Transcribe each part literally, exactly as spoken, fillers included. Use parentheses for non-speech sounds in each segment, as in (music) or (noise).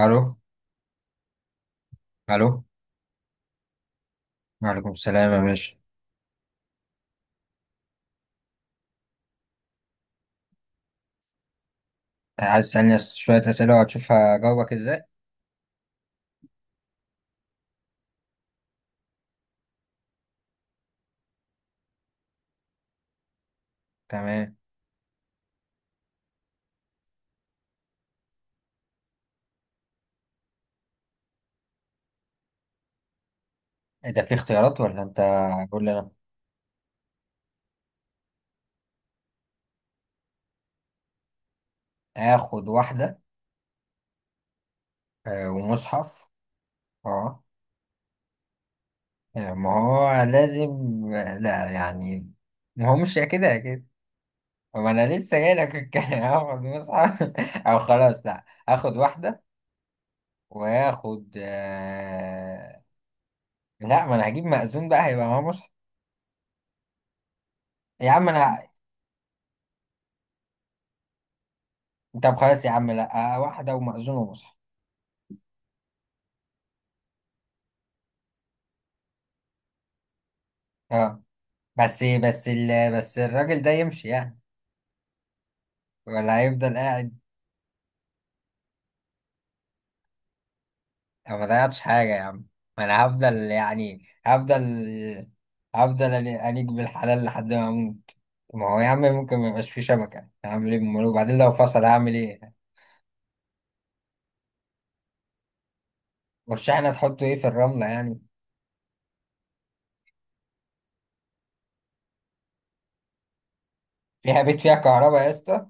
الو. الو. وعليكم السلام يا باشا. عايز تسألني أس- شوية أسئلة وهتشوف هجاوبك ازاي. تمام. إيه ده، في اختيارات ولا انت قول لي انا؟ هاخد واحدة آه ومصحف. اه. آه، ما هو لازم. آه، لا يعني، ما هو مش يا كده يا كده. ما انا لسه جاي لك الكلام (laughs) هاخد مصحف (laughs) او خلاص، لا هاخد واحدة وهاخد آه... لا، ما انا هجيب مأذون بقى، هيبقى معاه مصحف. يا عم انا. طب خلاص يا عم، لا آه، واحدة ومأذون ومصحف. اه، بس بس ال... بس الراجل ده يمشي يعني ولا هيفضل قاعد؟ أو ما ضيعتش حاجة يا عم، ما أنا هفضل يعني هفضل هفضل ألي- أليق بالحلال لحد ما أموت. ما هو يا عم ممكن ما يبقاش فيه شبكة، هعمل إيه أمال؟ وبعدين لو فصل هعمل إيه؟ والشحنة تحطه إيه، في الرملة يعني؟ فيها بيت فيها كهرباء يا اسطى؟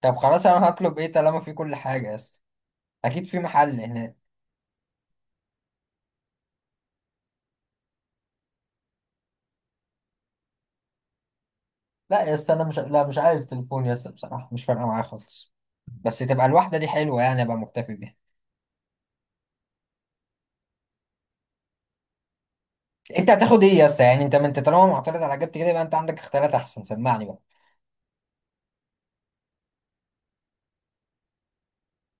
طب خلاص، أنا هطلب إيه طالما في كل حاجة يا اسطى؟ أكيد في محل هناك. لا يا اسطى أنا مش، لا مش عايز تليفون يا اسطى بصراحة، مش فارقة معايا خالص. بس تبقى الواحدة دي حلوة يعني، أبقى مكتفي بيها. انت هتاخد ايه يا اسطى؟ يعني انت، ما انت طالما معترض على اجابتي كده، يبقى انت عندك اختيارات احسن، سمعني بقى.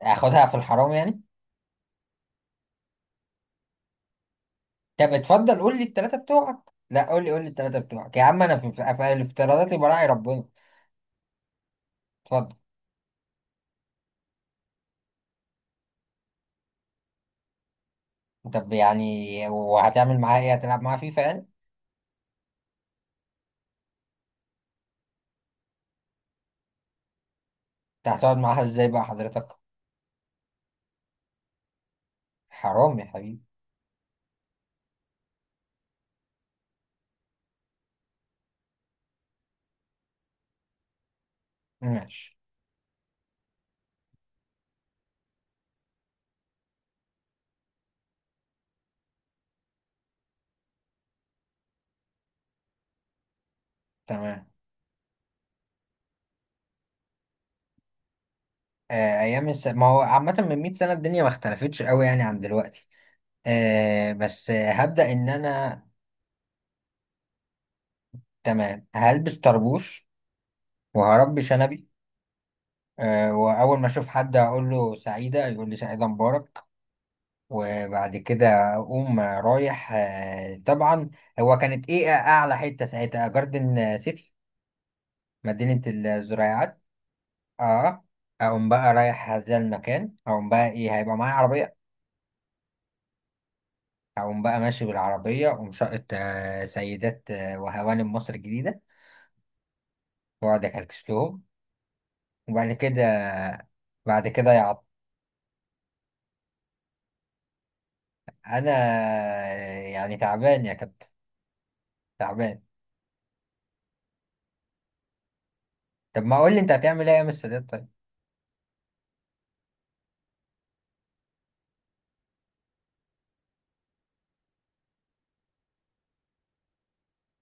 اخدها في الحرام يعني؟ طب اتفضل قول لي التلاتة بتوعك. لا قول لي، قول لي التلاتة بتوعك يا عم، انا في, في, في الافتراضات يبقى راعي ربنا. اتفضل. طب يعني وهتعمل معاها ايه، هتلعب معاها فيفا يعني؟ انت هتقعد معاها ازاي بقى حضرتك؟ حرام يا حبيبي. ماشي. تمام. آه ايام الس... ما هو عامة من مية سنة الدنيا ما اختلفتش قوي يعني عن دلوقتي. آه بس آه، هبدأ ان انا، تمام، هلبس طربوش وهربي شنبي. آه، وأول ما أشوف حد أقول له سعيدة يقول لي سعيدة مبارك. وبعد كده أقوم رايح، آه، طبعا، هو كانت إيه أعلى حتة ساعتها؟ جاردن سيتي، مدينة الزراعات. أه. أقوم بقى رايح هذا المكان، أقوم بقى إيه، هيبقى معايا عربية. أقوم بقى ماشي بالعربية، أقوم شقة آه، سيدات آه، وهوانم مصر الجديدة، وأقعد أكلكس لهم. وبعد كده، بعد كده يا عط، أنا آه، يعني تعبان يا كابتن، تعبان. طب ما قول لي انت هتعمل ايه ايام السادات طيب؟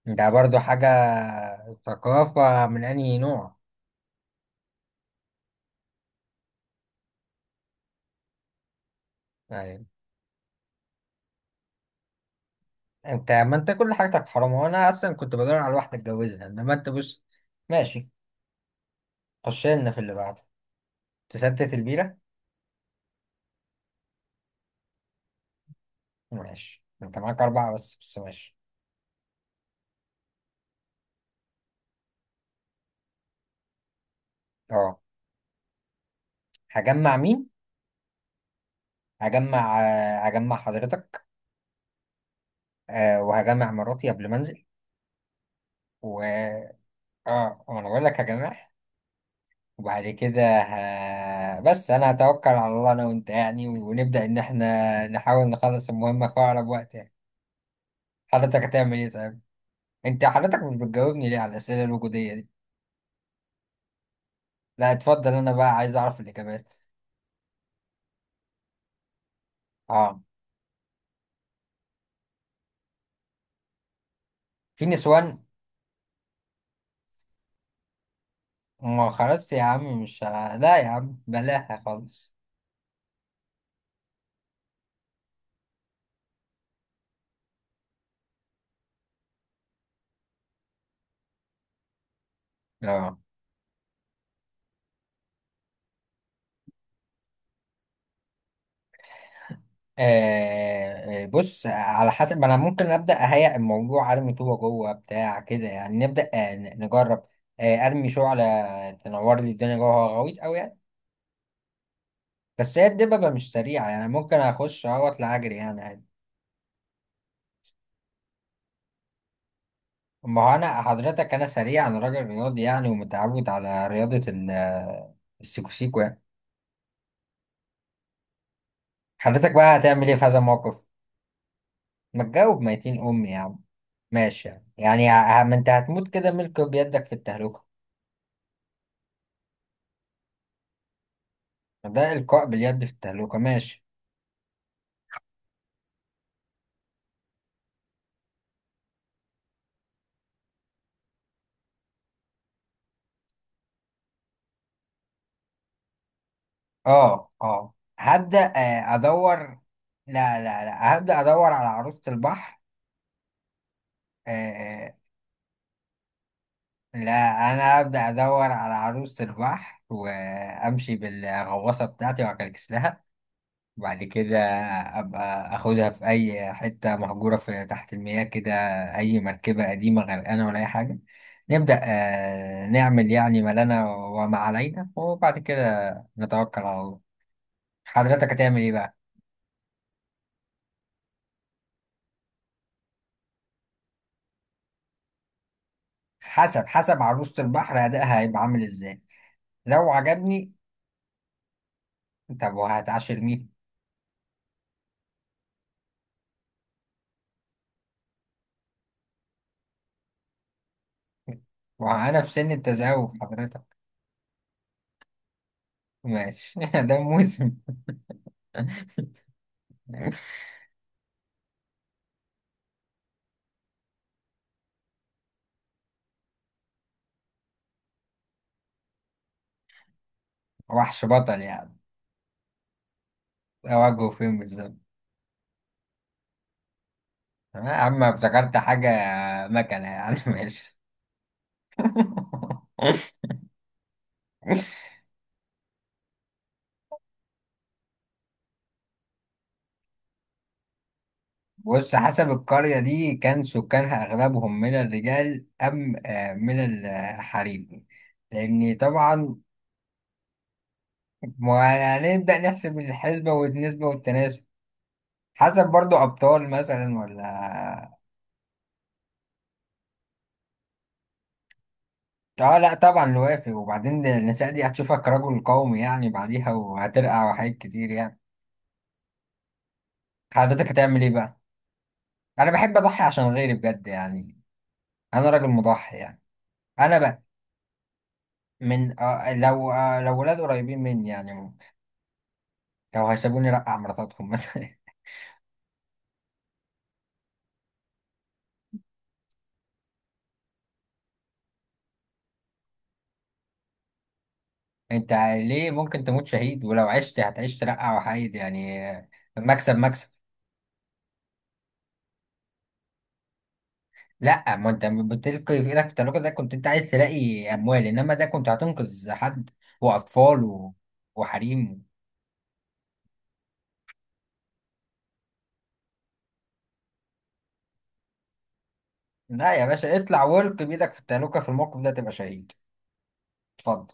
انت برضو حاجة؟ ثقافة من انهي نوع يعني؟ انت، ما انت كل حاجتك حرام، وانا اصلا كنت بدور على واحدة اتجوزها، انما انت بص، ماشي. خش لنا في اللي بعده. تستت البيرة. ماشي، انت معاك اربعة بس، بس ماشي. اه. هجمع مين؟ هجمع آه، هجمع حضرتك. آه وهجمع مراتي قبل ما انزل. و، اه وانا بقول لك هجمع. وبعد كده ه... بس انا هتوكل على الله انا وانت يعني، ونبدأ ان احنا نحاول نخلص المهمة في اقرب وقت يعني. حضرتك هتعمل ايه طيب؟ انت حضرتك مش بتجاوبني ليه على الأسئلة الوجودية دي؟ لا اتفضل، انا بقى عايز اعرف الإجابات. اه. في نسوان. ما خلاص يا عم مش ه- لا يا عم بلاها خالص. اه. آه آه، بص، على حسب، ما انا ممكن ابدا اهيئ الموضوع، ارمي طوبه جوه بتاع كده يعني، نبدا آه ن- نجرب. آه ارمي شعله تنور لي الدنيا جوه، غويط قوي يعني. بس هي الدببه مش سريعه يعني، ممكن اخش اهو اطلع اجري يعني عادي. ما هو انا حضرتك، انا سريع، انا راجل رياضي يعني، ومتعود على رياضه ال- آه، السيكوسيكو يعني. حضرتك بقى هتعمل ايه في هذا الموقف؟ ما تجاوب ميتين امي يا عم. ماشي يعني، يعني ه- ما انت هتموت كده، ملك بيدك في التهلكه. ده إلقاء باليد في التهلوكة، ماشي. اه اه. هبدأ آه، أدور. لا لا لا، هبدأ أدور على عروسة البحر. آه آه. لا، أنا هبدأ أدور على عروسة البحر، وأمشي بالغواصة بتاعتي وأكلكس لها. وبعد كده أبقى أخدها في أي حتة مهجورة في تحت المياه كده، أي مركبة قديمة غرقانة ولا أي حاجة. نبدأ آه نعمل يعني ما لنا وما علينا، وبعد كده نتوكل على الله. حضرتك هتعمل إيه بقى؟ حسب، حسب عروسة البحر أدائها هيبقى عامل إزاي. لو عجبني. طب وهتعاشر مين؟ وأنا في سن التزاوج حضرتك. ماشي (laughs) ده موسم. وحش بطل يعني؟ أواجهه فين بالظبط؟ أما افتكرت حاجة، مكنة يعني (laughs) ماشي. بص، حسب القرية دي، كان سكانها أغلبهم من الرجال أم آه، من الحريم؟ لأن طبعا ما هنبدأ نحسب الحسبة والنسبة والتناسب. حسب برضو ابطال مثلا ولا؟ اه آه، لا طبعا نوافق، وبعدين النساء دي هتشوفك رجل قومي يعني بعديها، وهترقع وحاجات كتير يعني. حضرتك هتعمل ايه بقى؟ انا بحب اضحي عشان غيري بجد يعني، انا راجل مضحي يعني. انا بقى، من اه لو، اه لو ولاد قريبين مني يعني ممكن، لو هيسيبوني رقع مراتاتهم (laughs) مثلا. انت ليه ممكن تموت شهيد، ولو عشت هتعيش ترقع وحيد يعني، آه، مكسب مكسب. لا، ما انت بتلقي في ايدك في التلاجة، ده كنت انت عايز تلاقي اموال، انما ده كنت هتنقذ حد واطفال و... وحريم. لا يا باشا، اطلع والقي بايدك في التلاجة، في الموقف ده تبقى شهيد. اتفضل.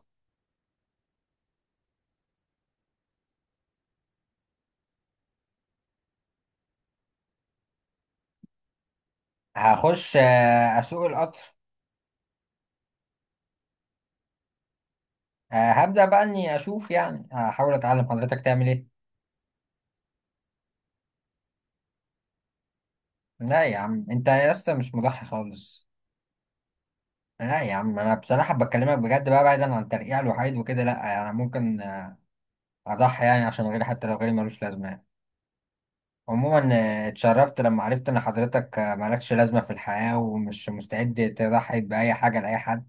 هخش آه، اسوق القطر. آه، هبدأ بقى اني اشوف يعني، هحاول اتعلم. حضرتك تعمل ايه؟ لا يا عم، انت يا اسطى مش مضحي خالص. لا يا عم انا بصراحة بكلمك بجد بقى، بعيدا عن ترقيع الوحيد وكده، لا انا ممكن آه، اضحي يعني عشان غيري، حتى لو غيري ملوش لازمة، عموما. آه، اتشرفت لما عرفت ان حضرتك آه، مالكش لازمة في الحياة، ومش مستعد تضحي بأي حاجة لأي حد.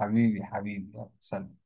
حبيبي، حبيبي، يلا، سلام.